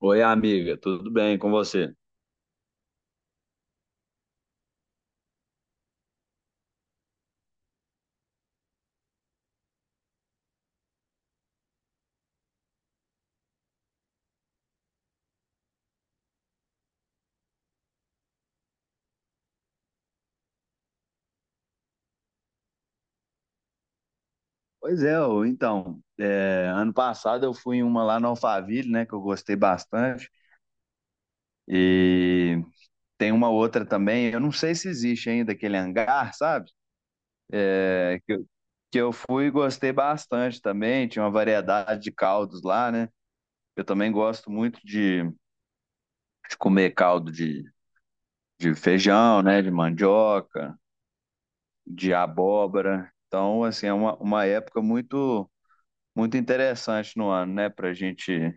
Oi, amiga, tudo bem com você? Pois é, ô, então, ano passado eu fui em uma lá no Alphaville, né, que eu gostei bastante, e tem uma outra também, eu não sei se existe ainda aquele hangar, sabe? É, que, eu- que eu fui e gostei bastante também, tinha uma variedade de caldos lá, né? Eu também gosto muito de comer caldo de feijão, né, de mandioca, de abóbora, então, assim, é uma época muito interessante no ano, né? Para a gente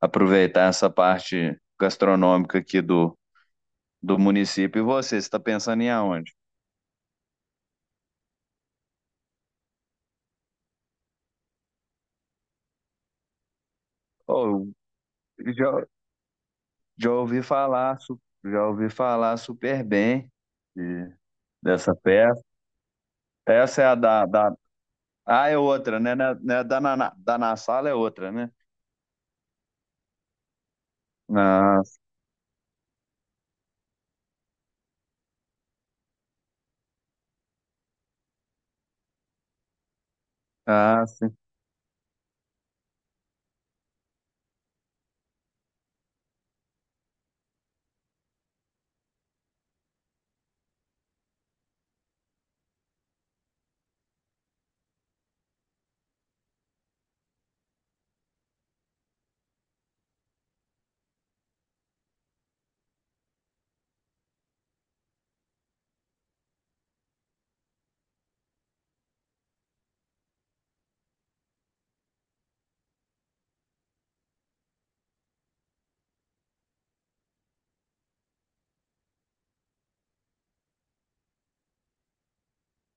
aproveitar essa parte gastronômica aqui do, do município. E você, você está pensando em aonde? Oh, eu já, já ouvi falar, já ouvi falar super bem de- dessa festa. Essa é da... Ah, é outra, né? Da, da na sala é outra, né? Ah, ah, sim.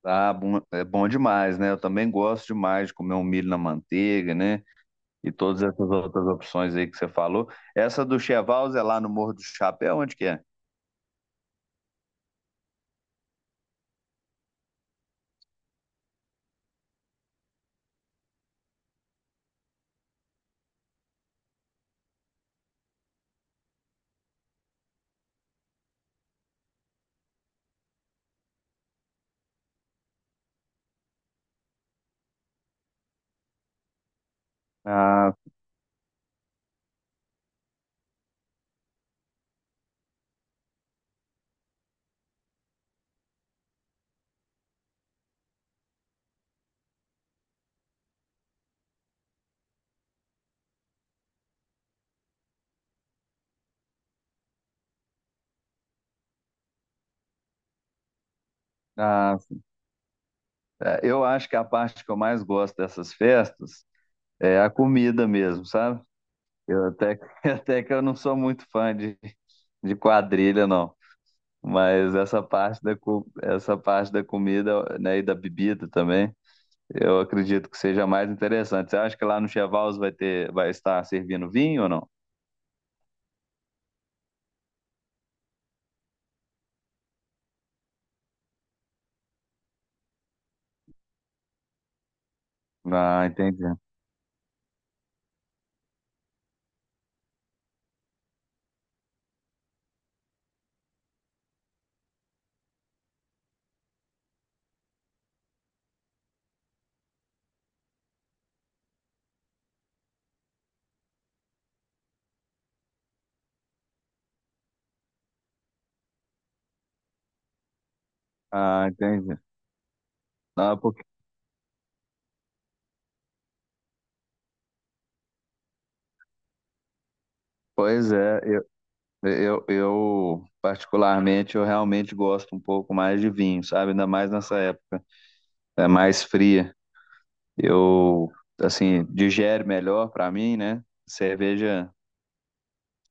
Ah, bom, é bom demais, né? Eu também gosto demais de comer um milho na manteiga, né? E todas essas outras opções aí que você falou. Essa do Chevals é lá no Morro do Chapéu, onde que é? Ah, ah, é, eu acho que a parte que eu mais gosto dessas festas é a comida mesmo, sabe? Eu até, até que eu não sou muito fã de quadrilha, não. Mas essa parte essa parte da comida, né, e da bebida também, eu acredito que seja mais interessante. Você acha que lá no Chevals vai ter, vai estar servindo vinho ou não? Ah, entendi. Ah, entendi. Não, é porque... Pois é, eu particularmente eu realmente gosto um pouco mais de vinho, sabe? Ainda mais nessa época, é mais fria. Eu assim, digere melhor para mim, né? Cerveja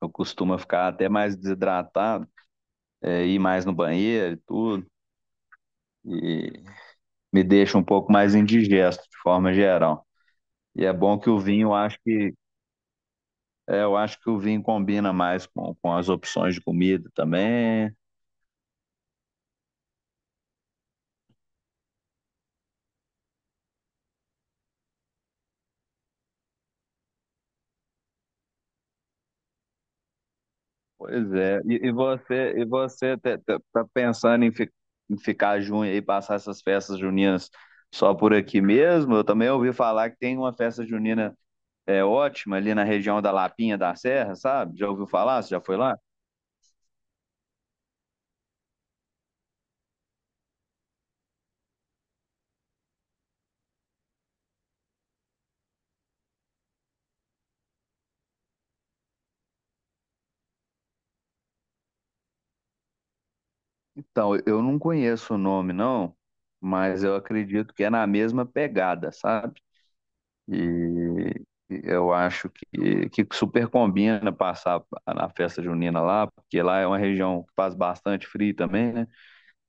eu costumo ficar até mais desidratado, é, ir mais no banheiro e tudo, e me deixa um pouco mais indigesto de forma geral. E é bom que o vinho, eu acho que é, eu acho que o vinho combina mais com as opções de comida também. Pois é, e, e você tá pensando em ficar junho e passar essas festas juninas só por aqui mesmo? Eu também ouvi falar que tem uma festa junina é, ótima ali na região da Lapinha da Serra, sabe? Já ouviu falar? Você já foi lá? Então, eu não conheço o nome, não, mas eu acredito que é na mesma pegada, sabe? E e eu acho que super combina passar na festa junina lá, porque lá é uma região que faz bastante frio também, né?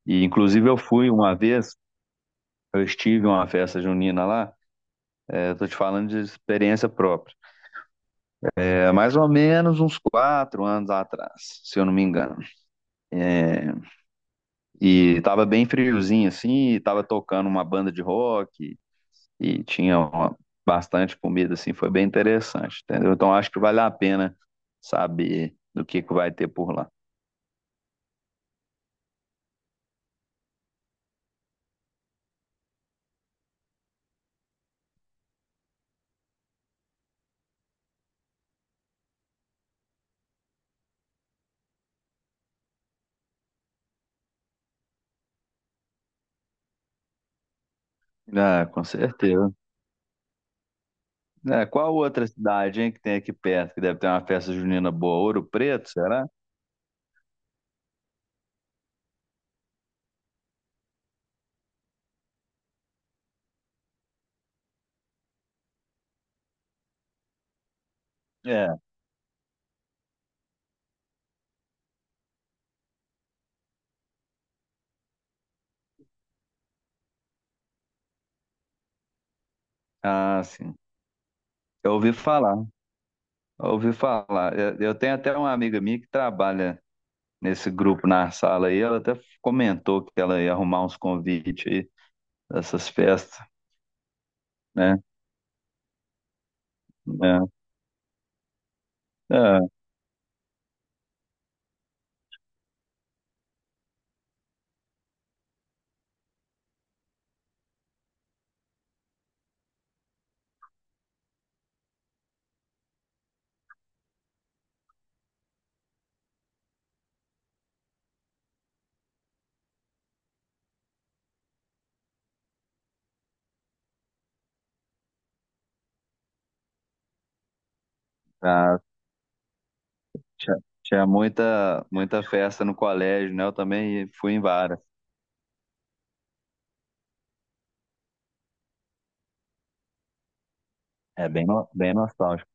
E inclusive eu fui uma vez, eu estive em uma festa junina lá, é, tô te falando de experiência própria. É mais ou menos uns quatro anos atrás, se eu não me engano. É, e tava bem friozinho assim, e tava tocando uma banda de rock e tinha bastante comida assim, foi bem interessante, entendeu? Então acho que vale a pena saber do que vai ter por lá. Ah, com certeza. É, qual outra cidade, hein, que tem aqui perto que deve ter uma festa junina boa? Ouro Preto, será? É, ah, sim. Eu ouvi falar, eu ouvi falar. Eu tenho até uma amiga minha que trabalha nesse grupo na sala aí. Ela até comentou que ela ia arrumar uns convites aí dessas festas, né? É, é. Ah, tinha, muita festa no colégio, né? Eu também fui em várias. É bem, no- bem nostálgico.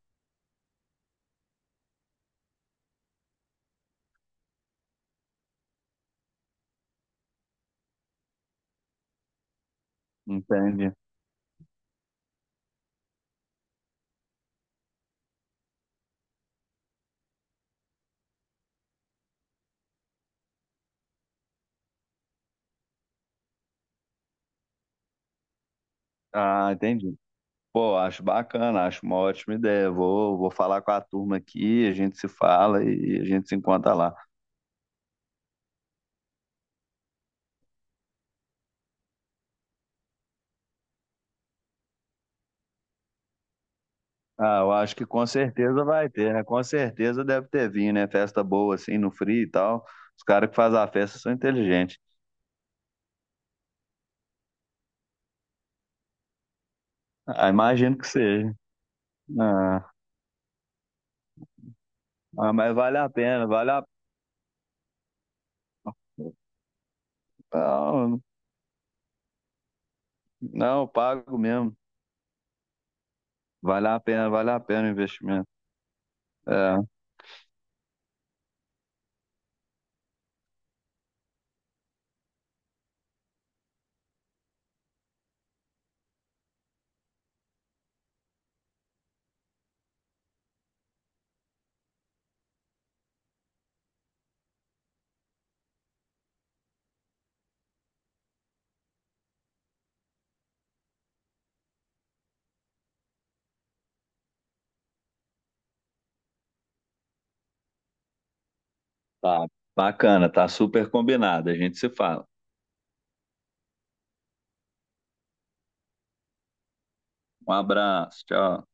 Entendi. Ah, entendi. Pô, acho bacana, acho uma ótima ideia. Vou falar com a turma aqui, a gente se fala e a gente se encontra lá. Ah, eu acho que com certeza vai ter, né? Com certeza deve ter vindo, né? Festa boa, assim, no frio e tal. Os caras que fazem a festa são inteligentes. Ah, imagino que seja. Ah, ah, mas vale a pena, vale a... Não, não, eu pago mesmo. Vale a pena o investimento. É, tá, bacana, tá super combinado. A gente se fala. Um abraço, tchau.